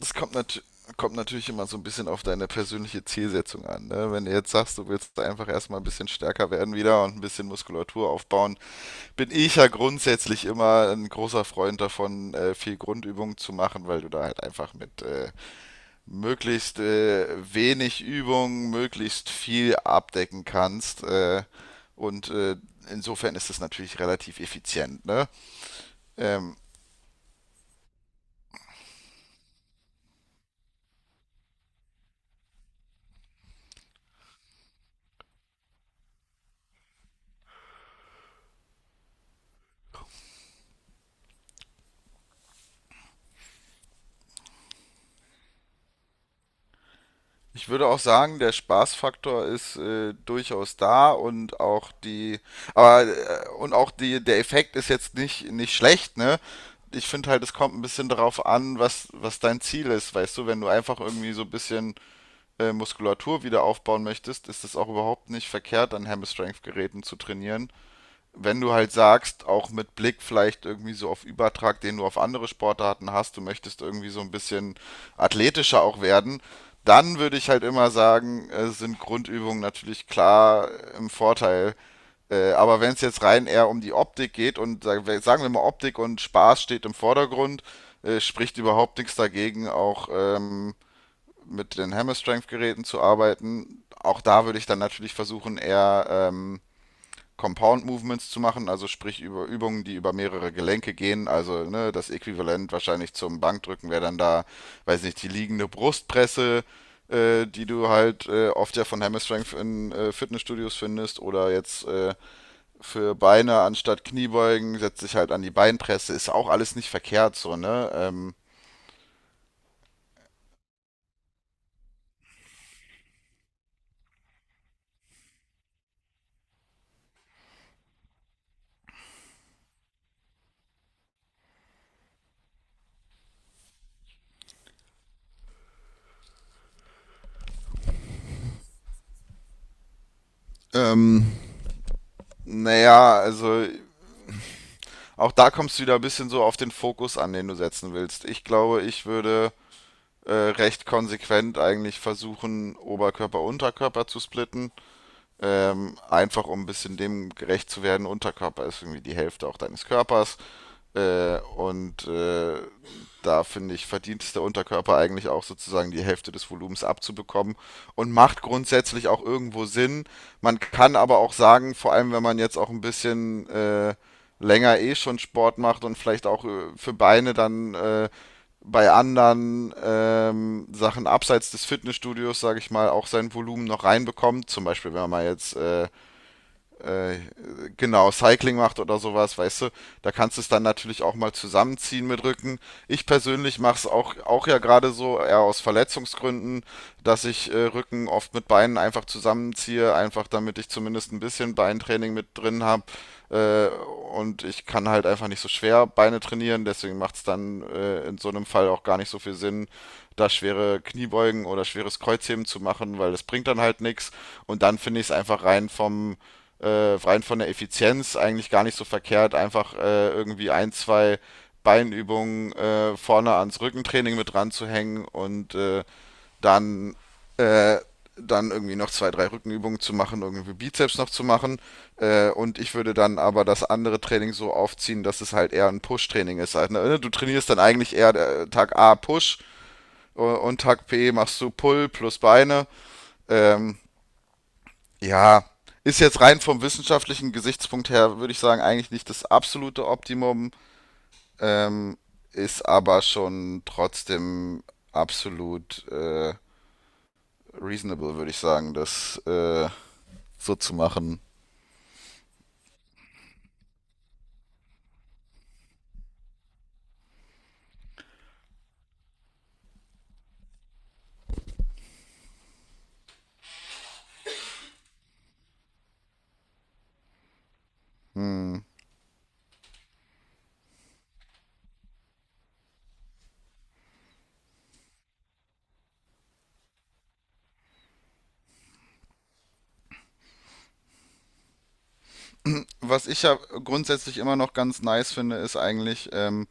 Es kommt, nat kommt natürlich immer so ein bisschen auf deine persönliche Zielsetzung an, ne? Wenn du jetzt sagst, du willst einfach erstmal ein bisschen stärker werden wieder und ein bisschen Muskulatur aufbauen, bin ich ja grundsätzlich immer ein großer Freund davon, viel Grundübungen zu machen, weil du da halt einfach mit möglichst wenig Übung möglichst viel abdecken kannst. Und äh, insofern ist es natürlich relativ effizient, ne? Ähm, Ich würde auch sagen, der Spaßfaktor ist durchaus da und auch die, und auch die, der Effekt ist jetzt nicht schlecht, ne? Ich finde halt, es kommt ein bisschen darauf an, was dein Ziel ist, weißt du? Wenn du einfach irgendwie so ein bisschen Muskulatur wieder aufbauen möchtest, ist es auch überhaupt nicht verkehrt, an Hammer Strength Geräten zu trainieren. Wenn du halt sagst, auch mit Blick vielleicht irgendwie so auf Übertrag, den du auf andere Sportarten hast, du möchtest irgendwie so ein bisschen athletischer auch werden, dann würde ich halt immer sagen, sind Grundübungen natürlich klar im Vorteil. Aber wenn es jetzt rein eher um die Optik geht und sagen wir mal, Optik und Spaß steht im Vordergrund, spricht überhaupt nichts dagegen, auch mit den Hammer Strength Geräten zu arbeiten. Auch da würde ich dann natürlich versuchen, eher Compound Movements zu machen, also sprich über Übungen, die über mehrere Gelenke gehen. Also ne, das Äquivalent wahrscheinlich zum Bankdrücken wäre dann da, weiß nicht, die liegende Brustpresse, die du halt oft ja von Hammer Strength in Fitnessstudios findest. Oder jetzt für Beine anstatt Kniebeugen setzt sich halt an die Beinpresse. Ist auch alles nicht verkehrt so, ne? Ähm, naja, also auch da kommst du wieder ein bisschen so auf den Fokus an, den du setzen willst. Ich glaube, ich würde recht konsequent eigentlich versuchen, Oberkörper, Unterkörper zu splitten. Einfach um ein bisschen dem gerecht zu werden. Unterkörper ist irgendwie die Hälfte auch deines Körpers. Äh, und äh, Da finde ich, verdient es der Unterkörper eigentlich auch sozusagen die Hälfte des Volumens abzubekommen und macht grundsätzlich auch irgendwo Sinn. Man kann aber auch sagen, vor allem wenn man jetzt auch ein bisschen länger eh schon Sport macht und vielleicht auch für Beine dann bei anderen Sachen abseits des Fitnessstudios, sage ich mal, auch sein Volumen noch reinbekommt. Zum Beispiel, wenn man jetzt äh, genau, Cycling macht oder sowas, weißt du, da kannst du es dann natürlich auch mal zusammenziehen mit Rücken. Ich persönlich mache es auch, auch ja gerade so, eher aus Verletzungsgründen, dass ich Rücken oft mit Beinen einfach zusammenziehe, einfach damit ich zumindest ein bisschen Beintraining mit drin habe. Äh, und ich kann halt einfach nicht so schwer Beine trainieren, deswegen macht es dann in so einem Fall auch gar nicht so viel Sinn, da schwere Kniebeugen oder schweres Kreuzheben zu machen, weil das bringt dann halt nichts. Und dann finde ich es einfach rein von der Effizienz eigentlich gar nicht so verkehrt, einfach irgendwie ein, zwei Beinübungen vorne ans Rückentraining mit dran zu hängen dann, äh, dann irgendwie noch zwei, drei Rückenübungen zu machen, irgendwie Bizeps noch zu machen. Und ich würde dann aber das andere Training so aufziehen, dass es halt eher ein Push-Training ist. Also ne, du trainierst dann eigentlich eher Tag A Push und Tag B machst du Pull plus Beine. Ähm, ja, ist jetzt rein vom wissenschaftlichen Gesichtspunkt her, würde ich sagen, eigentlich nicht das absolute Optimum, ähm, ist aber schon trotzdem absolut reasonable, würde ich sagen, das so zu machen. Was ich ja grundsätzlich immer noch ganz nice finde, ist eigentlich,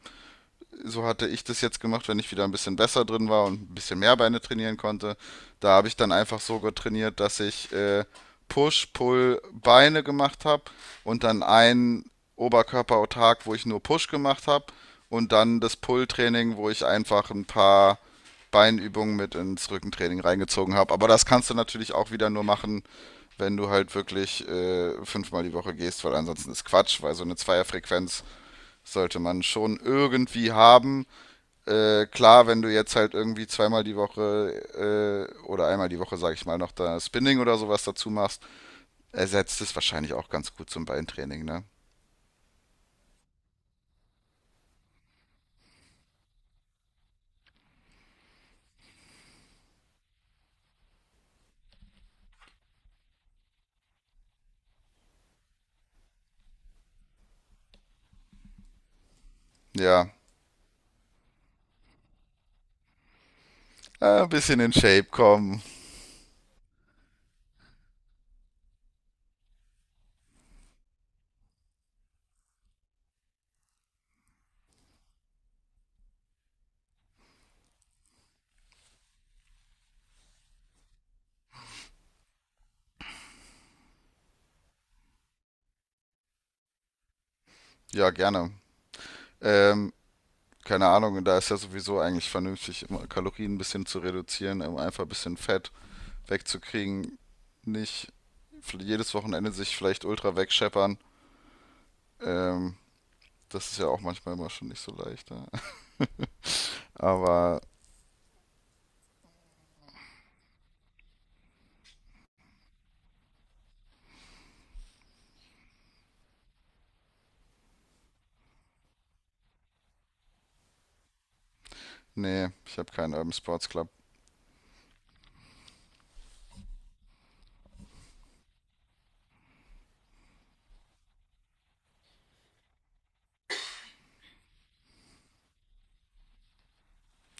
so hatte ich das jetzt gemacht, wenn ich wieder ein bisschen besser drin war und ein bisschen mehr Beine trainieren konnte. Da habe ich dann einfach so trainiert, dass ich Push, Pull, Beine gemacht habe und dann einen Oberkörperautark, wo ich nur Push gemacht habe, und dann das Pull-Training, wo ich einfach ein paar Beinübungen mit ins Rückentraining reingezogen habe. Aber das kannst du natürlich auch wieder nur machen, wenn du halt wirklich fünfmal die Woche gehst, weil ansonsten ist Quatsch, weil so eine Zweierfrequenz sollte man schon irgendwie haben. Klar, wenn du jetzt halt irgendwie zweimal die Woche oder einmal die Woche, sag ich mal, noch da Spinning oder sowas dazu machst, ersetzt es wahrscheinlich auch ganz gut zum Beintraining, ne? Ja, ein bisschen in Shape kommen. Ja, gerne. Ähm, Keine Ahnung, da ist ja sowieso eigentlich vernünftig, immer Kalorien ein bisschen zu reduzieren, um einfach ein bisschen Fett wegzukriegen. Nicht jedes Wochenende sich vielleicht ultra wegscheppern. Ähm, Das ist ja auch manchmal immer schon nicht so leicht, ne? Aber nee, ich habe keinen Urban Sports Club.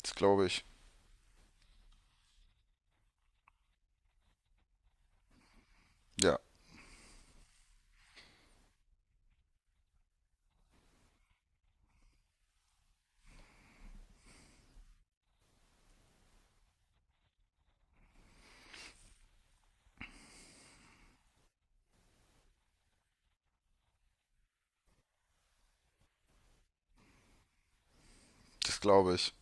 Das glaube ich. Ja, das glaube ich.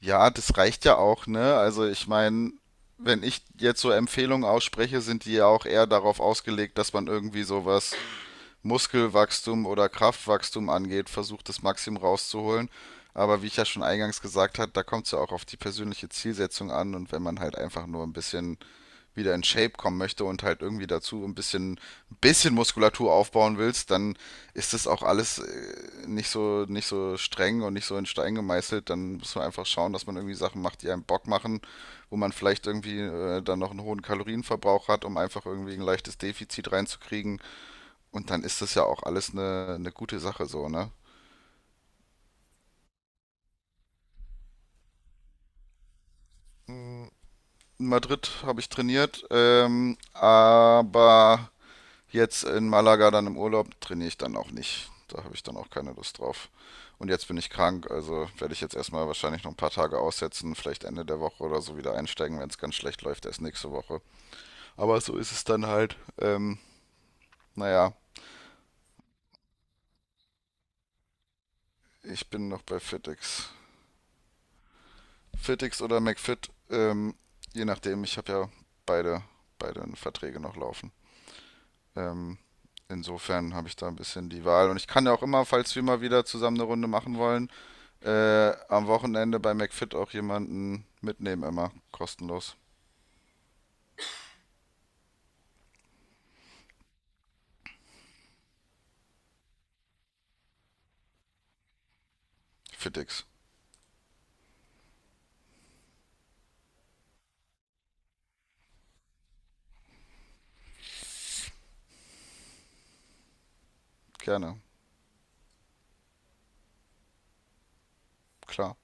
Ja, das reicht ja auch, ne? Also ich meine, wenn ich jetzt so Empfehlungen ausspreche, sind die ja auch eher darauf ausgelegt, dass man irgendwie sowas Muskelwachstum oder Kraftwachstum angeht, versucht, das Maximum rauszuholen. Aber wie ich ja schon eingangs gesagt habe, da kommt es ja auch auf die persönliche Zielsetzung an. Und wenn man halt einfach nur ein bisschen wieder in Shape kommen möchte und halt irgendwie dazu ein bisschen Muskulatur aufbauen willst, dann ist das auch alles nicht so streng und nicht so in Stein gemeißelt. Dann muss man einfach schauen, dass man irgendwie Sachen macht, die einem Bock machen, wo man vielleicht irgendwie dann noch einen hohen Kalorienverbrauch hat, um einfach irgendwie ein leichtes Defizit reinzukriegen. Und dann ist das ja auch alles eine gute Sache so, ne? In Madrid habe ich trainiert, aber jetzt in Malaga dann im Urlaub trainiere ich dann auch nicht. Da habe ich dann auch keine Lust drauf. Und jetzt bin ich krank, also werde ich jetzt erstmal wahrscheinlich noch ein paar Tage aussetzen, vielleicht Ende der Woche oder so wieder einsteigen, wenn es ganz schlecht läuft, erst nächste Woche. Aber so ist es dann halt. Naja, ich bin noch bei Fitix. Fitix oder McFit, je nachdem, ich habe ja beide, beide Verträge noch laufen. Ähm, Insofern habe ich da ein bisschen die Wahl. Und ich kann ja auch immer, falls wir mal wieder zusammen eine Runde machen wollen, am Wochenende bei McFit auch jemanden mitnehmen, immer. Kostenlos. FitX. Gerne. Klar.